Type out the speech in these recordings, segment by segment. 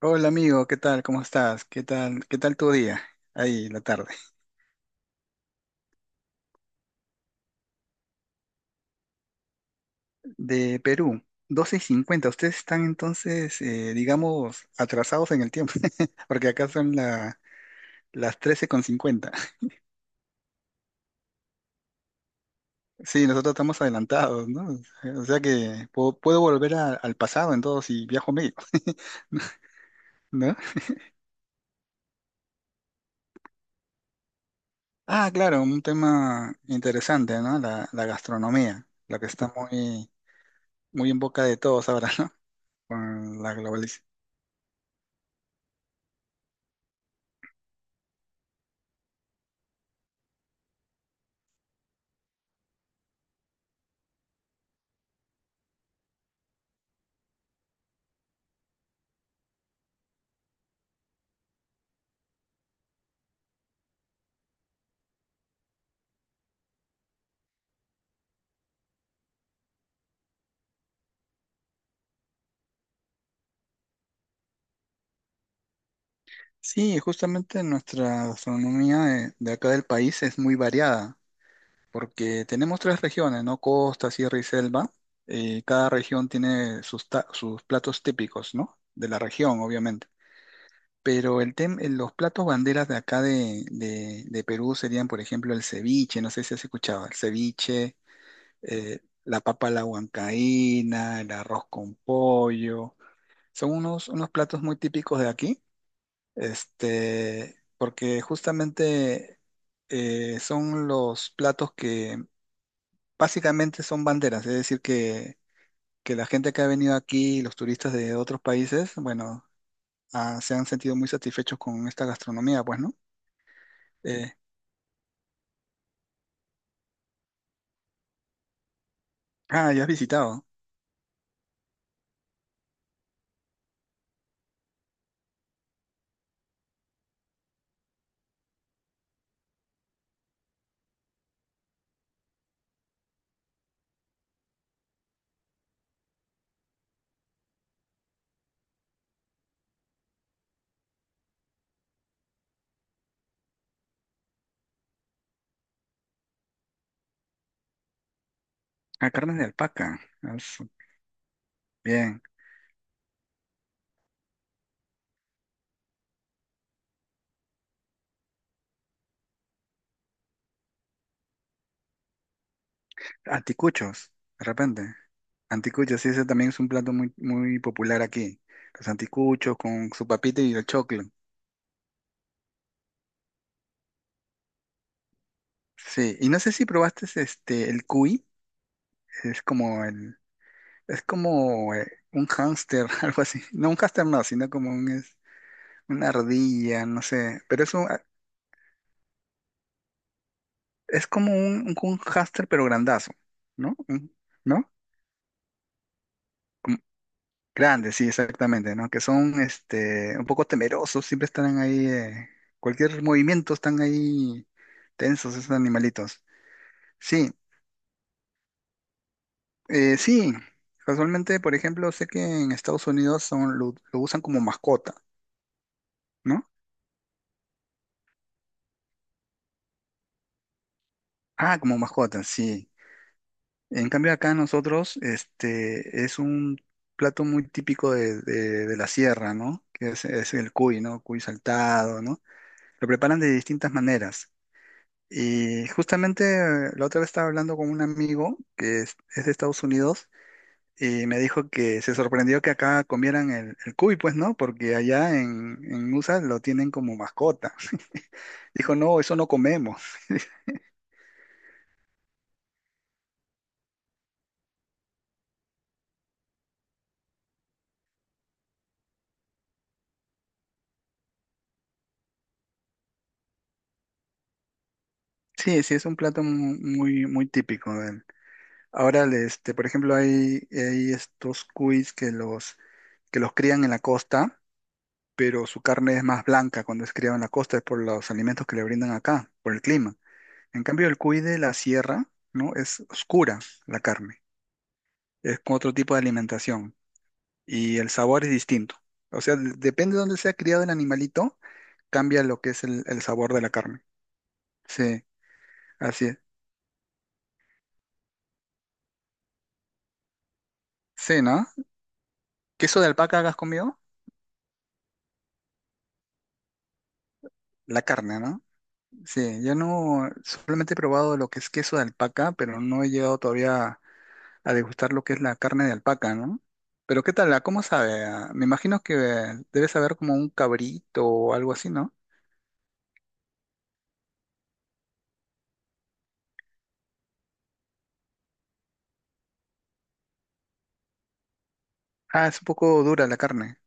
Hola amigo, ¿qué tal? ¿Cómo estás? ¿Qué tal? ¿Qué tal tu día? Ahí, la tarde. De Perú, 12 y 50. Ustedes están entonces, digamos, atrasados en el tiempo, porque acá son las 13 con 50. Sí, nosotros estamos adelantados, ¿no? O sea que puedo volver al pasado en todo si viajo medio, ¿no? Ah, claro, un tema interesante, ¿no? La gastronomía, la que está muy, muy en boca de todos ahora, ¿no? Con la globalización. Sí, justamente nuestra gastronomía de acá del país es muy variada, porque tenemos tres regiones, ¿no? Costa, Sierra y Selva. Y cada región tiene sus platos típicos, ¿no? De la región, obviamente. Pero los platos banderas de acá de Perú serían, por ejemplo, el ceviche, no sé si has escuchado, el ceviche, la papa a la huancaína, el arroz con pollo. Son unos platos muy típicos de aquí porque justamente son los platos que básicamente son banderas, es decir, que la gente que ha venido aquí, los turistas de otros países, bueno, se han sentido muy satisfechos con esta gastronomía, pues, ¿no? Eh, ya has visitado. A carnes de alpaca. Bien. Anticuchos, de repente. Anticuchos, sí, ese también es un plato muy, muy popular aquí. Los anticuchos con su papita y el choclo. Sí, y no sé si probaste el cuy. Es como el, es como un hámster, algo así. No, un hámster no, sino como una ardilla, no sé. Pero es como un hámster, pero grandazo, ¿no? ¿No? Como- grande, sí, exactamente, ¿no? Que son un poco temerosos, siempre están ahí, cualquier movimiento están ahí tensos esos animalitos. Sí, sí. Casualmente, por ejemplo, sé que en Estados Unidos lo usan como mascota, ¿no? Ah, como mascota, sí. En cambio acá nosotros, es un plato muy típico de la sierra, ¿no? Que es el cuy, ¿no? Cuy saltado, ¿no? Lo preparan de distintas maneras. Y justamente la otra vez estaba hablando con un amigo que es de Estados Unidos y me dijo que se sorprendió que acá comieran el cuy, pues, ¿no? Porque allá en USA lo tienen como mascota. Dijo, no, eso no comemos. Sí, sí, es un plato muy, muy típico. Ahora, por ejemplo, hay estos cuis que los crían en la costa, pero su carne es más blanca cuando es criado en la costa, es por los alimentos que le brindan acá, por el clima. En cambio, el cuy de la sierra, ¿no? Es oscura la carne, es con otro tipo de alimentación y el sabor es distinto. O sea, depende de dónde sea criado el animalito, cambia lo que es el sabor de la carne. Sí, así es. Sí, ¿no? ¿Queso de alpaca hagas conmigo? La carne, ¿no? Sí, yo no, solamente he probado lo que es queso de alpaca, pero no he llegado todavía a degustar lo que es la carne de alpaca, ¿no? Pero ¿qué tal? ¿A ¿Cómo sabe? Ah, me imagino que debe saber como un cabrito o algo así, ¿no? Ah, es un poco dura la carne.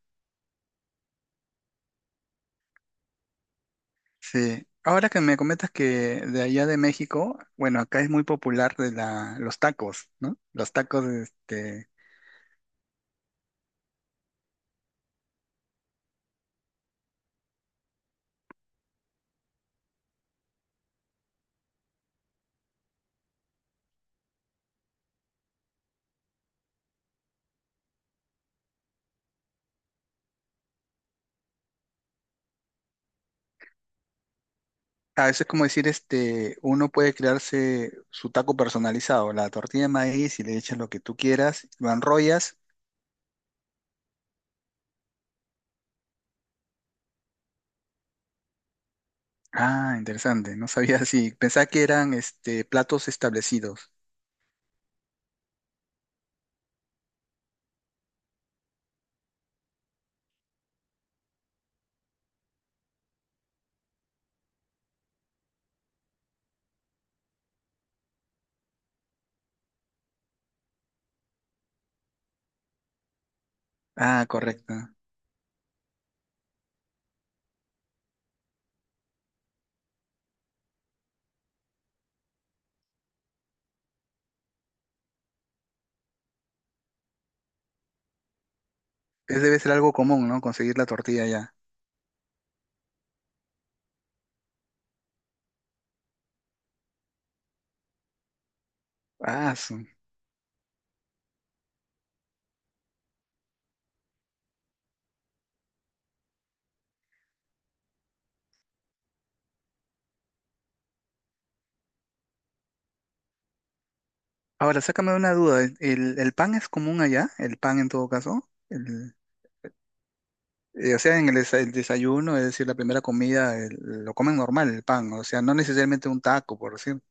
Sí. Ahora que me comentas que de allá de México, bueno, acá es muy popular de los tacos, ¿no? Los tacos, a veces como decir, uno puede crearse su taco personalizado, la tortilla de maíz y le echas lo que tú quieras, lo enrollas. Ah, interesante. No sabía así. Pensaba que eran platos establecidos. Ah, correcto. Debe ser algo común, ¿no? Conseguir la tortilla ya. Ah, su. Ahora, sácame una duda. ¿El pan es común allá? ¿El pan en todo caso? O sea, en el desayuno, es decir, la primera comida, lo comen normal el pan. O sea, no necesariamente un taco, por decir.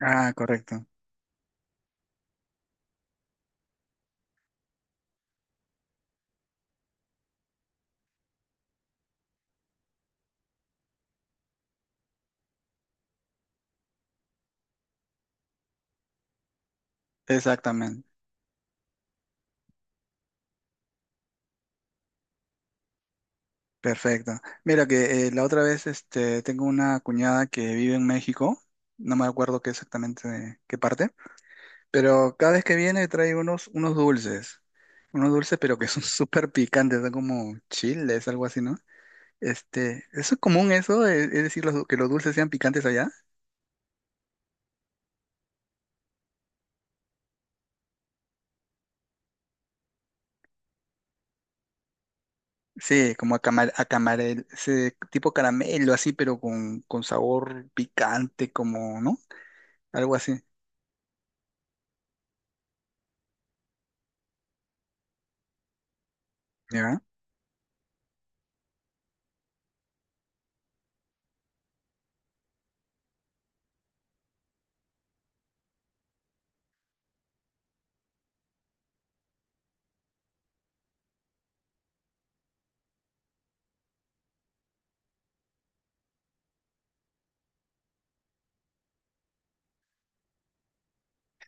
Ah, correcto. Exactamente. Perfecto. Mira que la otra vez tengo una cuñada que vive en México. No me acuerdo qué exactamente qué parte. Pero cada vez que viene trae unos dulces. Unos dulces, pero que son súper picantes, son como chiles, algo así, ¿no? ¿Eso es común eso? ¿Es decir, que los dulces sean picantes allá? Sí, como a camarel, ese tipo caramelo así, pero con sabor picante, como, ¿no? Algo así, ¿ya?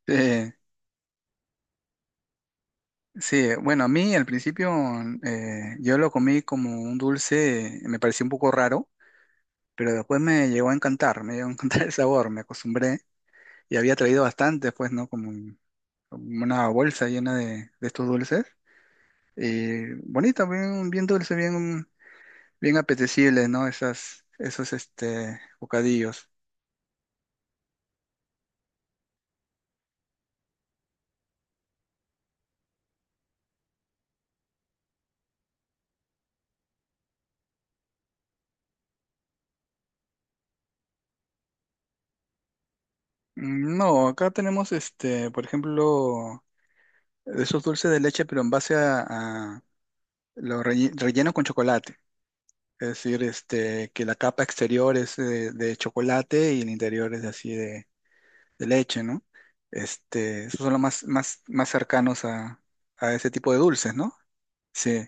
Eh, sí, bueno, a mí al principio yo lo comí como un dulce, me pareció un poco raro, pero después me llegó a encantar el sabor, me acostumbré. Y había traído bastante, pues, ¿no? Como una bolsa llena de estos dulces. Y bonita, bien, bien dulce, bien, bien apetecible, ¿no? Esos, bocadillos. Mm, no, acá tenemos, por ejemplo, esos dulces de leche, pero en base a lo relleno con chocolate. Es decir, que la capa exterior es de chocolate y el interior es así de leche, ¿no? Esos son los más cercanos a ese tipo de dulces, ¿no? Sí.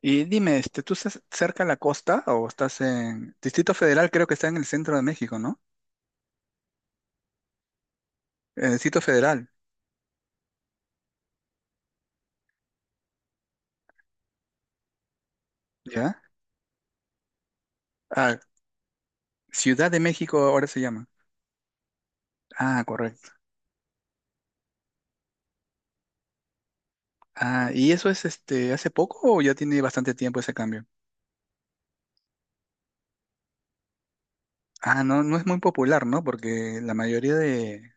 Y dime, ¿Tú estás cerca a la costa o estás en Distrito Federal? Creo que está en el centro de México, ¿no? En el Distrito Federal, ¿ya? Ah, Ciudad de México ahora se llama. Ah, correcto. Ah, ¿y eso es hace poco o ya tiene bastante tiempo ese cambio? Ah, no, no es muy popular, ¿no? Porque la mayoría de,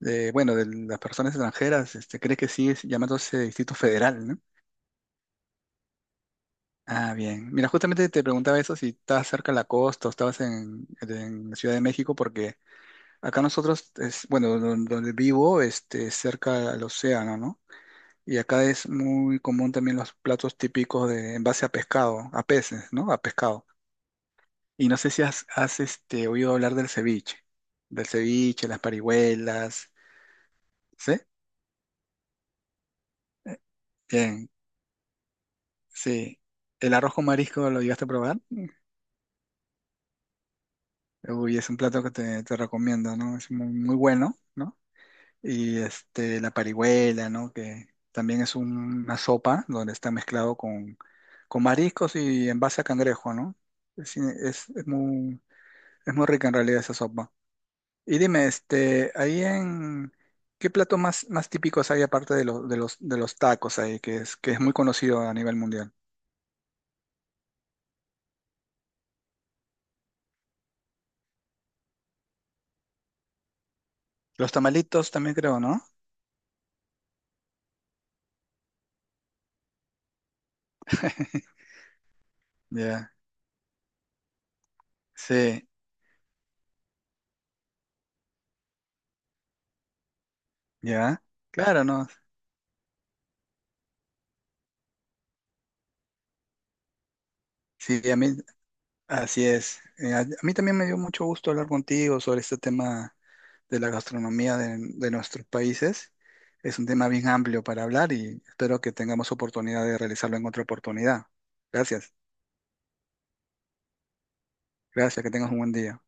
de, bueno, de las personas extranjeras cree que sigue llamándose Distrito Federal, ¿no? Ah, bien. Mira, justamente te preguntaba eso, si estabas cerca de la costa o estabas en la Ciudad de México, porque acá nosotros, bueno, donde vivo, es cerca al océano, ¿no? Y acá es muy común también los platos típicos en base a pescado, a peces, ¿no? A pescado. Y no sé si has, oído hablar del ceviche, las parihuelas, ¿sí? Bien, sí. ¿El arroz con marisco lo llegaste a probar? Uy, es un plato que te recomiendo, ¿no? Es muy, muy bueno, ¿no? Y la parihuela, ¿no? Que también es una sopa donde está mezclado con mariscos y en base a cangrejo, ¿no? Es, es- es muy, es muy rica en realidad esa sopa. Y dime, ¿qué platos más, más típicos hay aparte de los tacos ahí, que es muy conocido a nivel mundial? Los tamalitos también creo, ¿no? Ya, sí, ya. Claro, ¿no? Sí, a mí. Así es. A mí también me dio mucho gusto hablar contigo sobre este tema de la gastronomía de nuestros países. Es un tema bien amplio para hablar y espero que tengamos oportunidad de realizarlo en otra oportunidad. Gracias. Gracias, que tengas un buen día.